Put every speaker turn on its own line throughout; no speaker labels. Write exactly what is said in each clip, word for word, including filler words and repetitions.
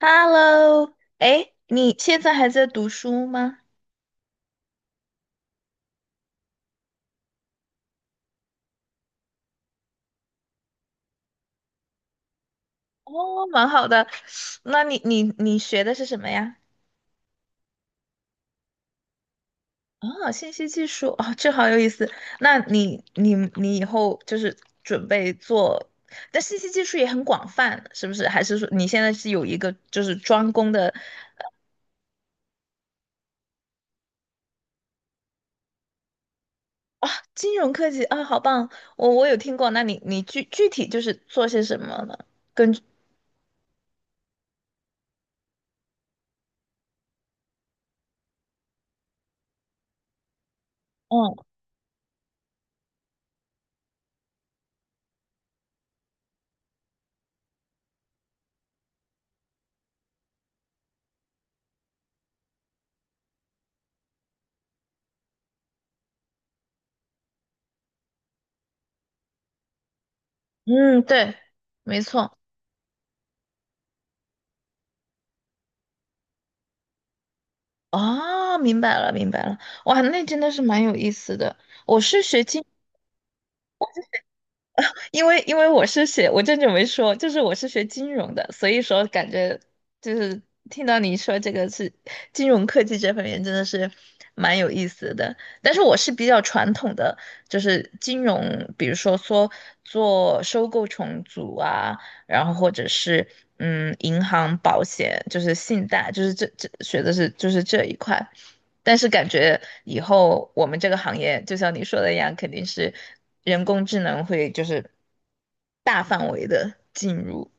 Hello，哎，你现在还在读书吗？哦，蛮好的。那你你你学的是什么呀？啊，信息技术，哦，这好有意思。那你你你以后就是准备做，但信息技术也很广泛，是不是？还是说你现在是有一个就是专攻的啊？金融科技啊，好棒！我我有听过。那你你具具体就是做些什么呢？根据，嗯嗯，对，没错。哦，明白了，明白了，哇，那真的是蛮有意思的。我是学金，因为因为我是学，我正准备说，就是我是学金融的，所以说感觉就是听到你说这个是金融科技这方面真的是蛮有意思的。但是我是比较传统的，就是金融，比如说说做收购重组啊，然后或者是嗯银行、保险，就是信贷，就是这这学的是就是这一块。但是感觉以后我们这个行业，就像你说的一样，肯定是人工智能会就是大范围的进入。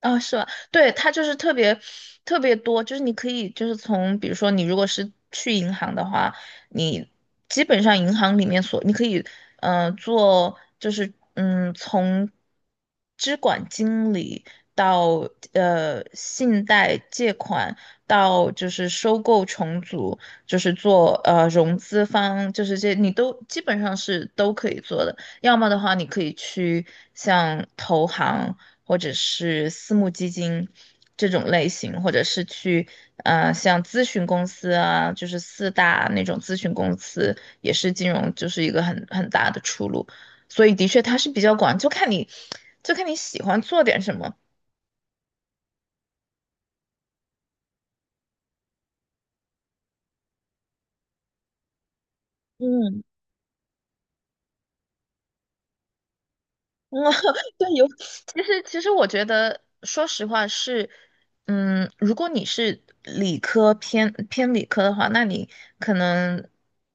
啊，是吧？对，它就是特别特别多，就是你可以就是从，比如说你如果是去银行的话，你基本上银行里面所你可以，嗯，做就是嗯，从支管经理到呃信贷借款到就是收购重组，就是做呃融资方，就是这你都基本上是都可以做的。要么的话，你可以去像投行。或者是私募基金这种类型，或者是去呃像咨询公司啊，就是四大那种咨询公司，也是金融就是一个很很大的出路。所以的确它是比较广，就看你就看你喜欢做点什么。嗯，嗯，对，有。其实，其实我觉得，说实话是，嗯，如果你是理科偏偏理科的话，那你可能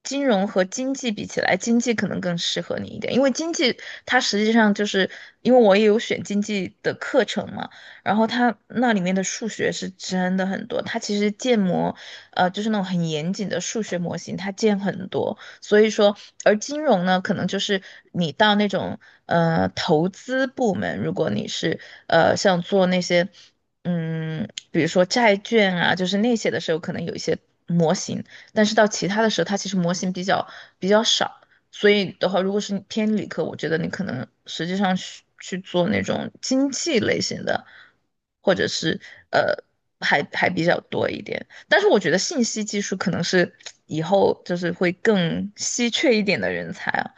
金融和经济比起来，经济可能更适合你一点，因为经济它实际上就是因为我也有选经济的课程嘛，然后它那里面的数学是真的很多，它其实建模，呃，就是那种很严谨的数学模型，它建很多。所以说，而金融呢，可能就是你到那种呃投资部门，如果你是呃像做那些嗯，比如说债券啊，就是那些的时候，可能有一些模型，但是到其他的时候，它其实模型比较比较少。所以的话，如果是你偏理科，我觉得你可能实际上去去做那种经济类型的，或者是呃，还还比较多一点。但是我觉得信息技术可能是以后就是会更稀缺一点的人才啊。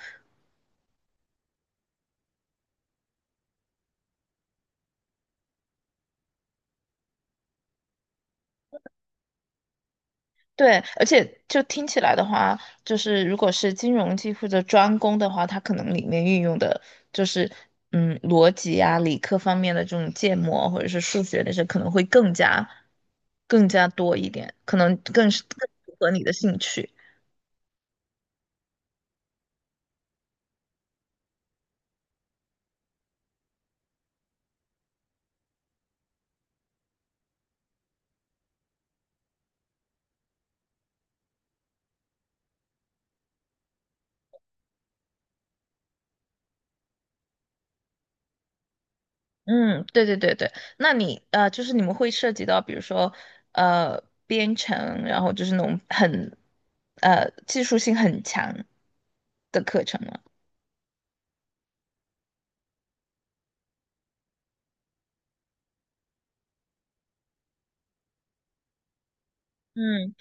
对，而且就听起来的话，就是如果是金融技或者专攻的话，它可能里面运用的就是嗯逻辑啊、理科方面的这种建模或者是数学那些，可能会更加更加多一点，可能更是更符合你的兴趣。嗯，对对对对，那你呃，就是你们会涉及到，比如说呃，编程，然后就是那种很呃技术性很强的课程吗？嗯。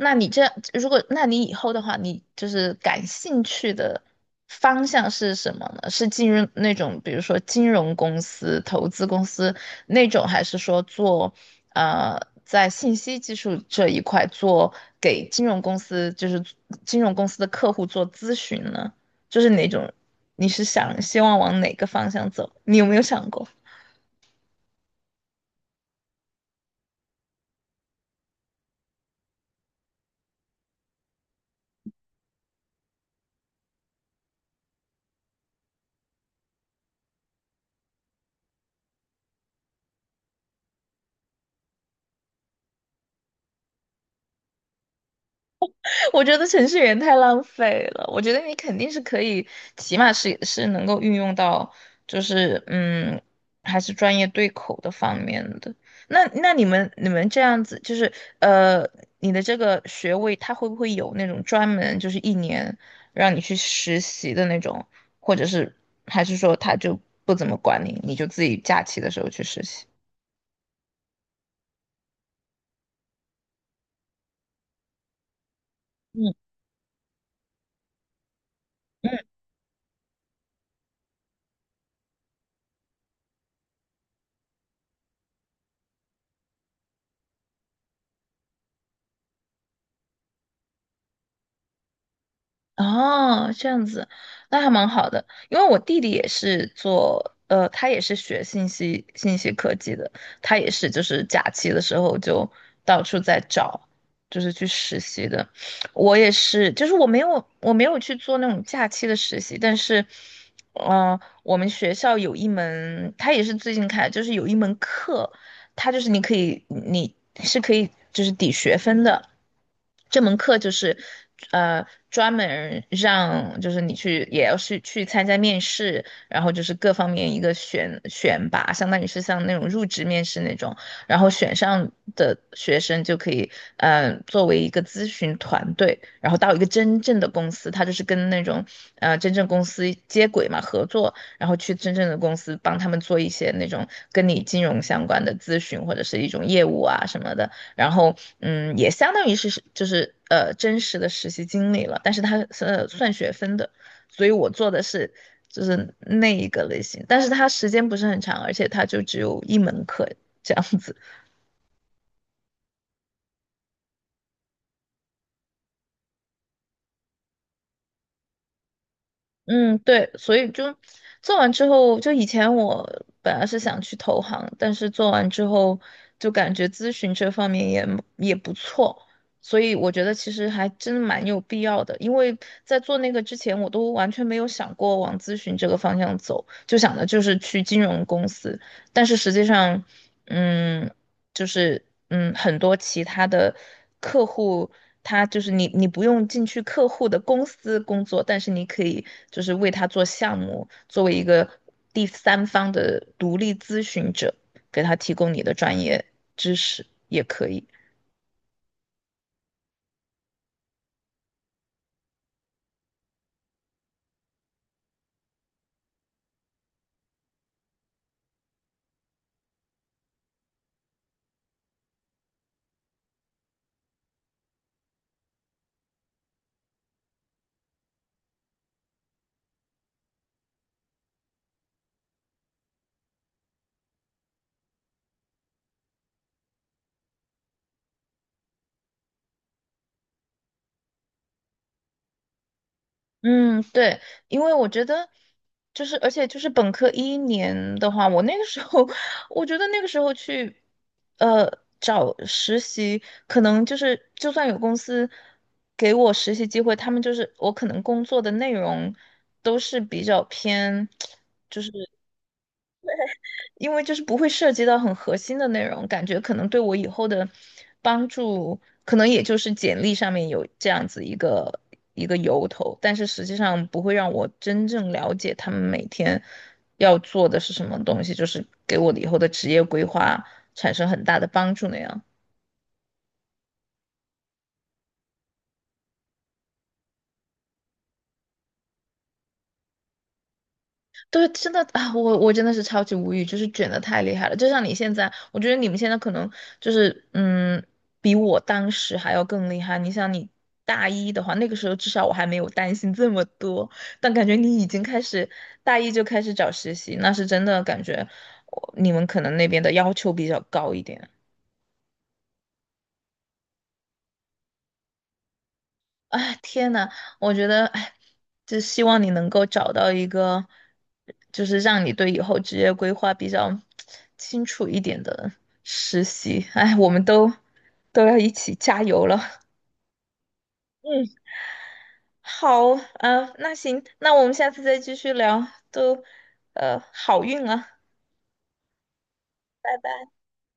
那你这样，如果那你以后的话，你就是感兴趣的方向是什么呢？是进入那种比如说金融公司、投资公司那种，还是说做呃在信息技术这一块做给金融公司，就是金融公司的客户做咨询呢？就是哪种？你是想希望往哪个方向走？你有没有想过？我觉得程序员太浪费了。我觉得你肯定是可以，起码是是能够运用到，就是嗯，还是专业对口的方面的。那那你们你们这样子，就是呃，你的这个学位，他会不会有那种专门就是一年让你去实习的那种，或者是还是说他就不怎么管你，你就自己假期的时候去实习？嗯。嗯，哦，这样子，那还蛮好的，因为我弟弟也是做，呃，他也是学信息信息科技的，他也是就是假期的时候就到处在找，就是去实习的。我也是，就是我没有我没有去做那种假期的实习，但是，嗯，我们学校有一门，他也是最近开，就是有一门课。它就是你可以，你是可以就是抵学分的。这门课就是，呃，专门让就是你去也要去去参加面试，然后就是各方面一个选选拔，相当于是像那种入职面试那种，然后选上的学生就可以，嗯、呃，作为一个咨询团队，然后到一个真正的公司，它就是跟那种呃真正公司接轨嘛，合作，然后去真正的公司帮他们做一些那种跟你金融相关的咨询或者是一种业务啊什么的，然后嗯，也相当于是就是呃真实的实习经历了，但是它是呃算学分的，所以我做的是就是那一个类型，但是它时间不是很长，而且它就只有一门课这样子。嗯，对，所以就做完之后，就以前我本来是想去投行，但是做完之后就感觉咨询这方面也也不错，所以我觉得其实还真的蛮有必要的，因为在做那个之前，我都完全没有想过往咨询这个方向走，就想的就是去金融公司，但是实际上，嗯。就是嗯，很多其他的客户，他就是你，你不用进去客户的公司工作，但是你可以就是为他做项目，作为一个第三方的独立咨询者，给他提供你的专业知识也可以。嗯，对，因为我觉得就是，而且就是本科一年的话，我那个时候，我觉得那个时候去，呃，找实习，可能就是就算有公司给我实习机会，他们就是我可能工作的内容都是比较偏。因为就是不会涉及到很核心的内容，感觉可能对我以后的帮助，可能也就是简历上面有这样子一个一个由头，但是实际上不会让我真正了解他们每天要做的是什么东西，就是给我的以后的职业规划产生很大的帮助那样。对，真的啊，我我真的是超级无语，就是卷的太厉害了。就像你现在，我觉得你们现在可能就是，嗯，比我当时还要更厉害。你想，你大一的话，那个时候至少我还没有担心这么多，但感觉你已经开始大一就开始找实习，那是真的感觉我你们可能那边的要求比较高一点。哎，天呐，我觉得，哎，就希望你能够找到一个，就是让你对以后职业规划比较清楚一点的实习。哎，我们都都要一起加油了。嗯，好，啊，那行，那我们下次再继续聊，都，呃，好运啊，拜拜。